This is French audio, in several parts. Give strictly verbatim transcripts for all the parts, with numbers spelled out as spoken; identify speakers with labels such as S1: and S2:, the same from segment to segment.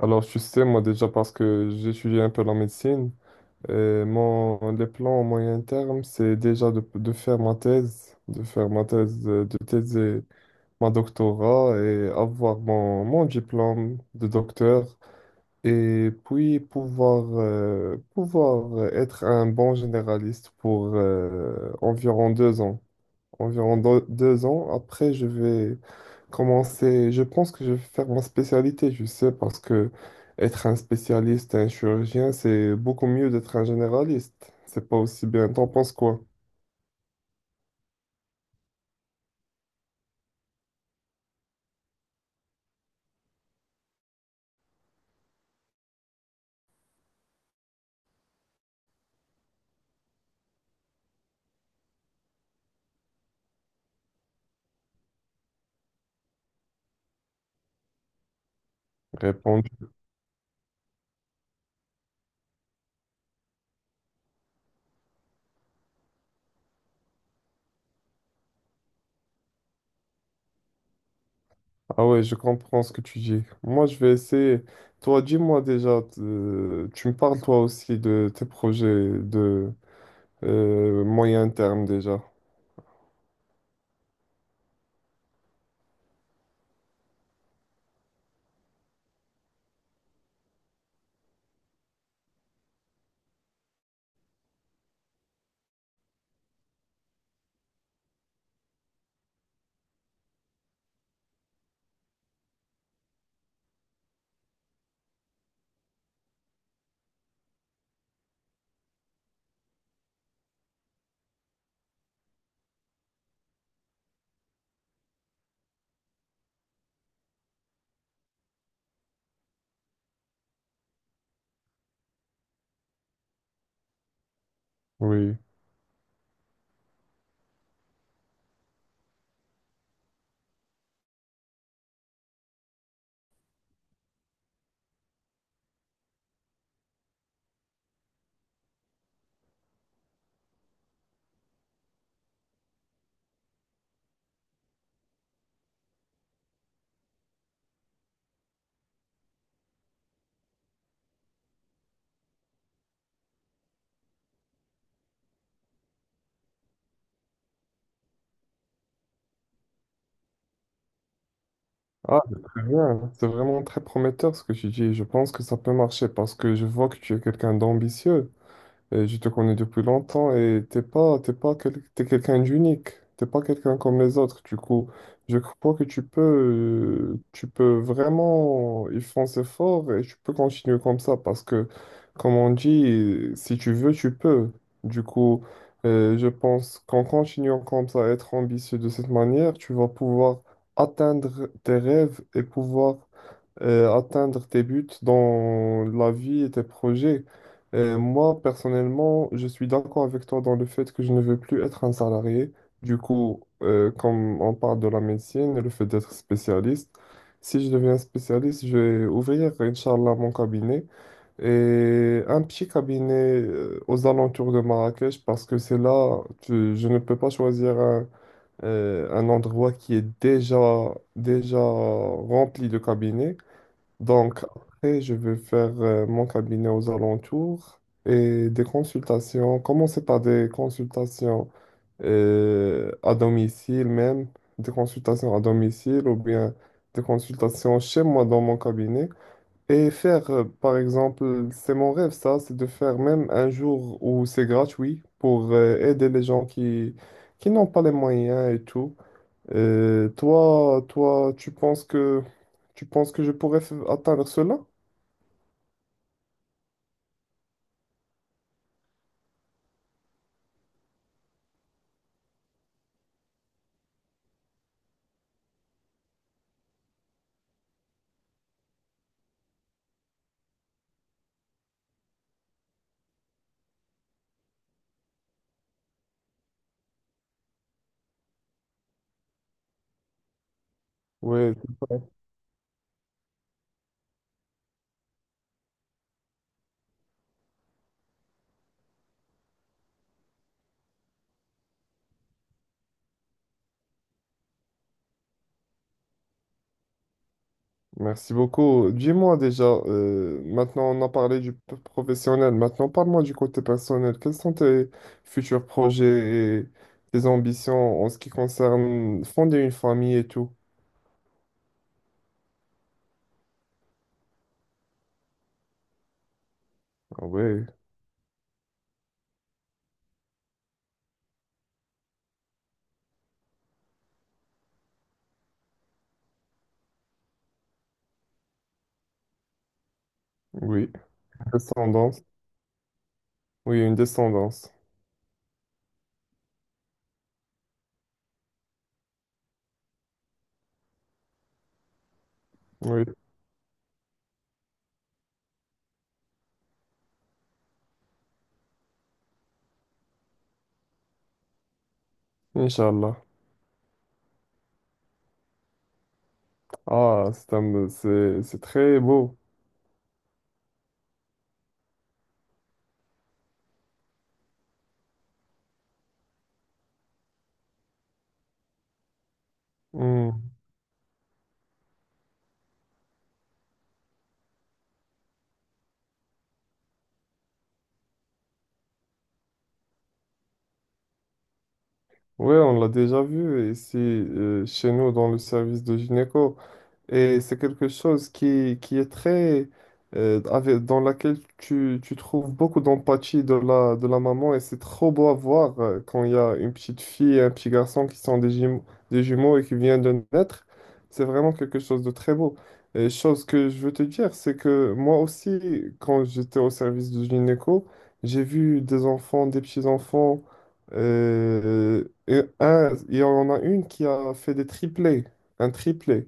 S1: Alors, tu sais, moi déjà parce que j'étudie un peu la médecine, et mon, les plans au moyen terme, c'est déjà de, de faire ma thèse, de faire ma thèse, euh, de thèser ma doctorat et avoir mon, mon diplôme de docteur et puis pouvoir, euh, pouvoir être un bon généraliste pour euh, environ deux ans. Environ deux, deux ans. Après, je vais commencer. Je pense que je vais faire ma spécialité, je sais, parce que être un spécialiste, un chirurgien, c'est beaucoup mieux d'être un généraliste. C'est pas aussi bien. T'en penses quoi? Répondre. Ah ouais, je comprends ce que tu dis. Moi, je vais essayer. Toi, dis-moi déjà, t- euh, tu me parles toi aussi de tes projets de euh, moyen terme déjà. Oui. Ah, c'est très bien. C'est vraiment très prometteur ce que tu dis. Je pense que ça peut marcher parce que je vois que tu es quelqu'un d'ambitieux. Et je te connais depuis longtemps et t'es pas, t'es pas quel- t'es quelqu'un d'unique. T'es pas quelqu'un comme les autres. Du coup, je crois que tu peux, euh, tu peux vraiment y foncer fort et tu peux continuer comme ça parce que, comme on dit, si tu veux, tu peux. Du coup, euh, je pense qu'en continuant comme ça, être ambitieux de cette manière, tu vas pouvoir atteindre tes rêves et pouvoir euh, atteindre tes buts dans la vie et tes projets. Euh, moi, personnellement, je suis d'accord avec toi dans le fait que je ne veux plus être un salarié. Du coup, euh, comme on parle de la médecine et le fait d'être spécialiste, si je deviens spécialiste, je vais ouvrir, Inch'Allah, mon cabinet et un petit cabinet euh, aux alentours de Marrakech parce que c'est là, tu- je ne peux pas choisir un, euh, un endroit qui est déjà, déjà rempli de cabinets. Donc, après, je vais faire euh, mon cabinet aux alentours et des consultations. Commencer par des consultations euh, à domicile même, des consultations à domicile ou bien des consultations chez moi dans mon cabinet. Et faire, euh, par exemple, c'est mon rêve ça, c'est de faire même un jour où c'est gratuit pour euh, aider les gens qui, qui n'ont pas les moyens et tout. Et toi, toi, tu penses que tu penses que je pourrais f- atteindre cela? Oui, merci beaucoup. Dis-moi déjà, euh, maintenant on a parlé du p- professionnel, maintenant parle-moi du côté personnel. Quels sont tes futurs projets et tes ambitions en ce qui concerne fonder une famille et tout? Ah ouais, oui, descendance. Oui, une descendance. Oui, Inch'Allah. Ah, c'est un- c'est c'est très beau. Hmm. Ouais, on l'a déjà vu ici euh, chez nous dans le service de gynéco. Et c'est quelque chose qui, qui est très... euh, avec- dans laquelle tu, tu trouves beaucoup d'empathie de la, de la maman et c'est trop beau à voir euh, quand il y a une petite fille et un petit garçon qui sont des jumeaux, des jumeaux et qui viennent de naître. C'est vraiment quelque chose de très beau. Et chose que je veux te dire, c'est que moi aussi, quand j'étais au service du gynéco, j'ai vu des enfants, des petits-enfants. euh, et un, il y en a une qui a fait des triplés, un triplé.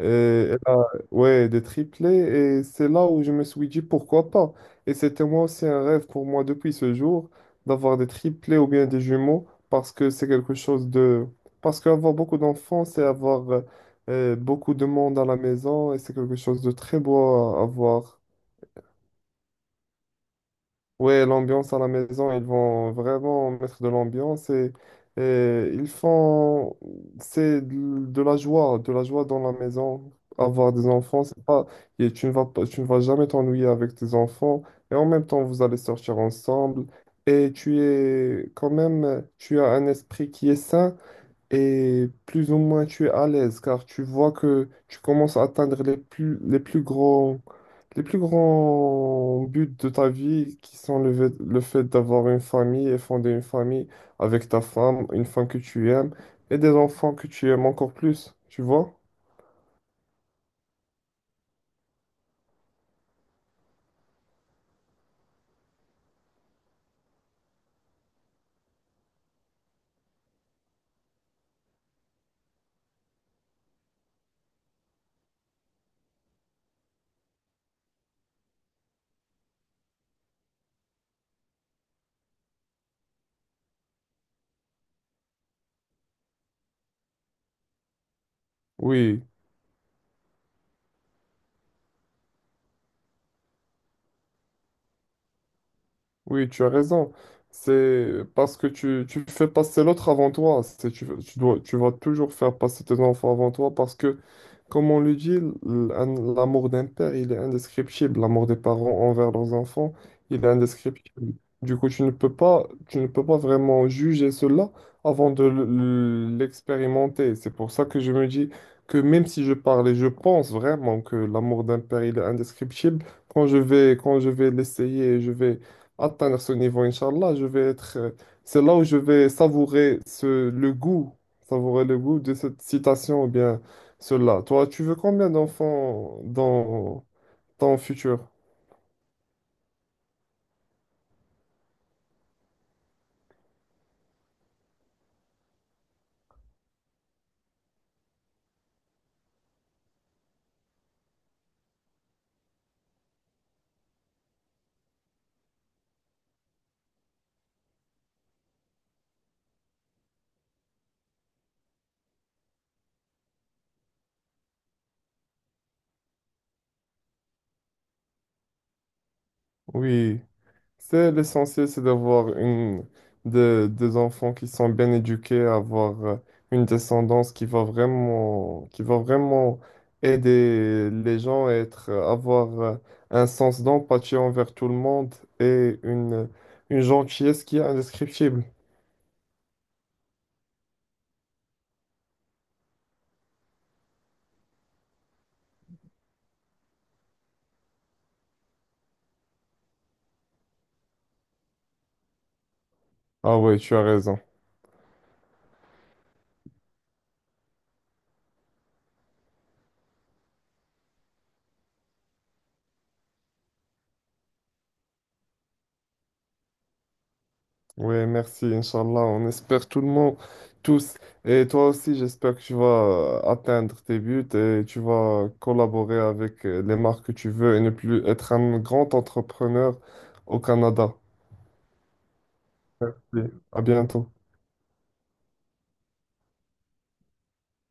S1: Et elle a- ouais, des triplés. Et c'est là où je me suis dit pourquoi pas. Et c'était moi aussi un rêve pour moi depuis ce jour d'avoir des triplés ou bien des jumeaux parce que c'est quelque chose de. Parce qu'avoir beaucoup d'enfants, c'est avoir euh, beaucoup de monde à la maison et c'est quelque chose de très beau à avoir. Ouais, l'ambiance à la maison, ils vont vraiment mettre de l'ambiance et, et ils font, c'est de de la joie, de la joie dans la maison. Avoir des enfants, c'est pas, et tu ne vas pas, tu ne vas jamais t'ennuyer avec tes enfants et en même temps, vous allez sortir ensemble et tu es quand même, tu as un esprit qui est sain et plus ou moins tu es à l'aise car tu vois que tu commences à atteindre les plus, les plus grands, les plus grands buts de ta vie qui sont le, fait le fait d'avoir une famille et fonder une famille avec ta femme, une femme que tu aimes et des enfants que tu aimes encore plus, tu vois? Oui. Oui, tu as raison. C'est parce que tu, tu fais passer l'autre avant toi. C'est, tu, tu dois, Tu vas toujours faire passer tes enfants avant toi parce que, comme on le dit, l- un- l'amour d'un père, il est indescriptible. L'amour des parents envers leurs enfants, il est indescriptible. Du coup, tu ne peux pas, tu ne peux pas vraiment juger cela avant de l- l'expérimenter. C'est pour ça que je me dis que même si je parle et je pense vraiment que l'amour d'un père, il est indescriptible, quand je vais, quand je vais l'essayer, je vais atteindre ce niveau, Inch'Allah, je vais être. euh, C'est là où je vais savourer ce, le goût, savourer le goût de cette citation ou bien cela. Toi, tu veux combien d'enfants dans ton futur? Oui. C'est l'essentiel, c'est d'avoir une, des, des enfants qui sont bien éduqués, avoir euh, une descendance qui va vraiment, qui va vraiment aider les gens à être, euh, avoir euh, un sens d'empathie envers tout le monde et une, une gentillesse qui est indescriptible. Ah oui, tu as raison. Oui, merci, Inch'Allah. On espère tout le monde, tous. Et toi aussi, j'espère que tu vas euh, atteindre tes buts et tu vas collaborer avec euh, les marques que tu veux et ne plus être un grand entrepreneur au Canada. Merci. À bientôt.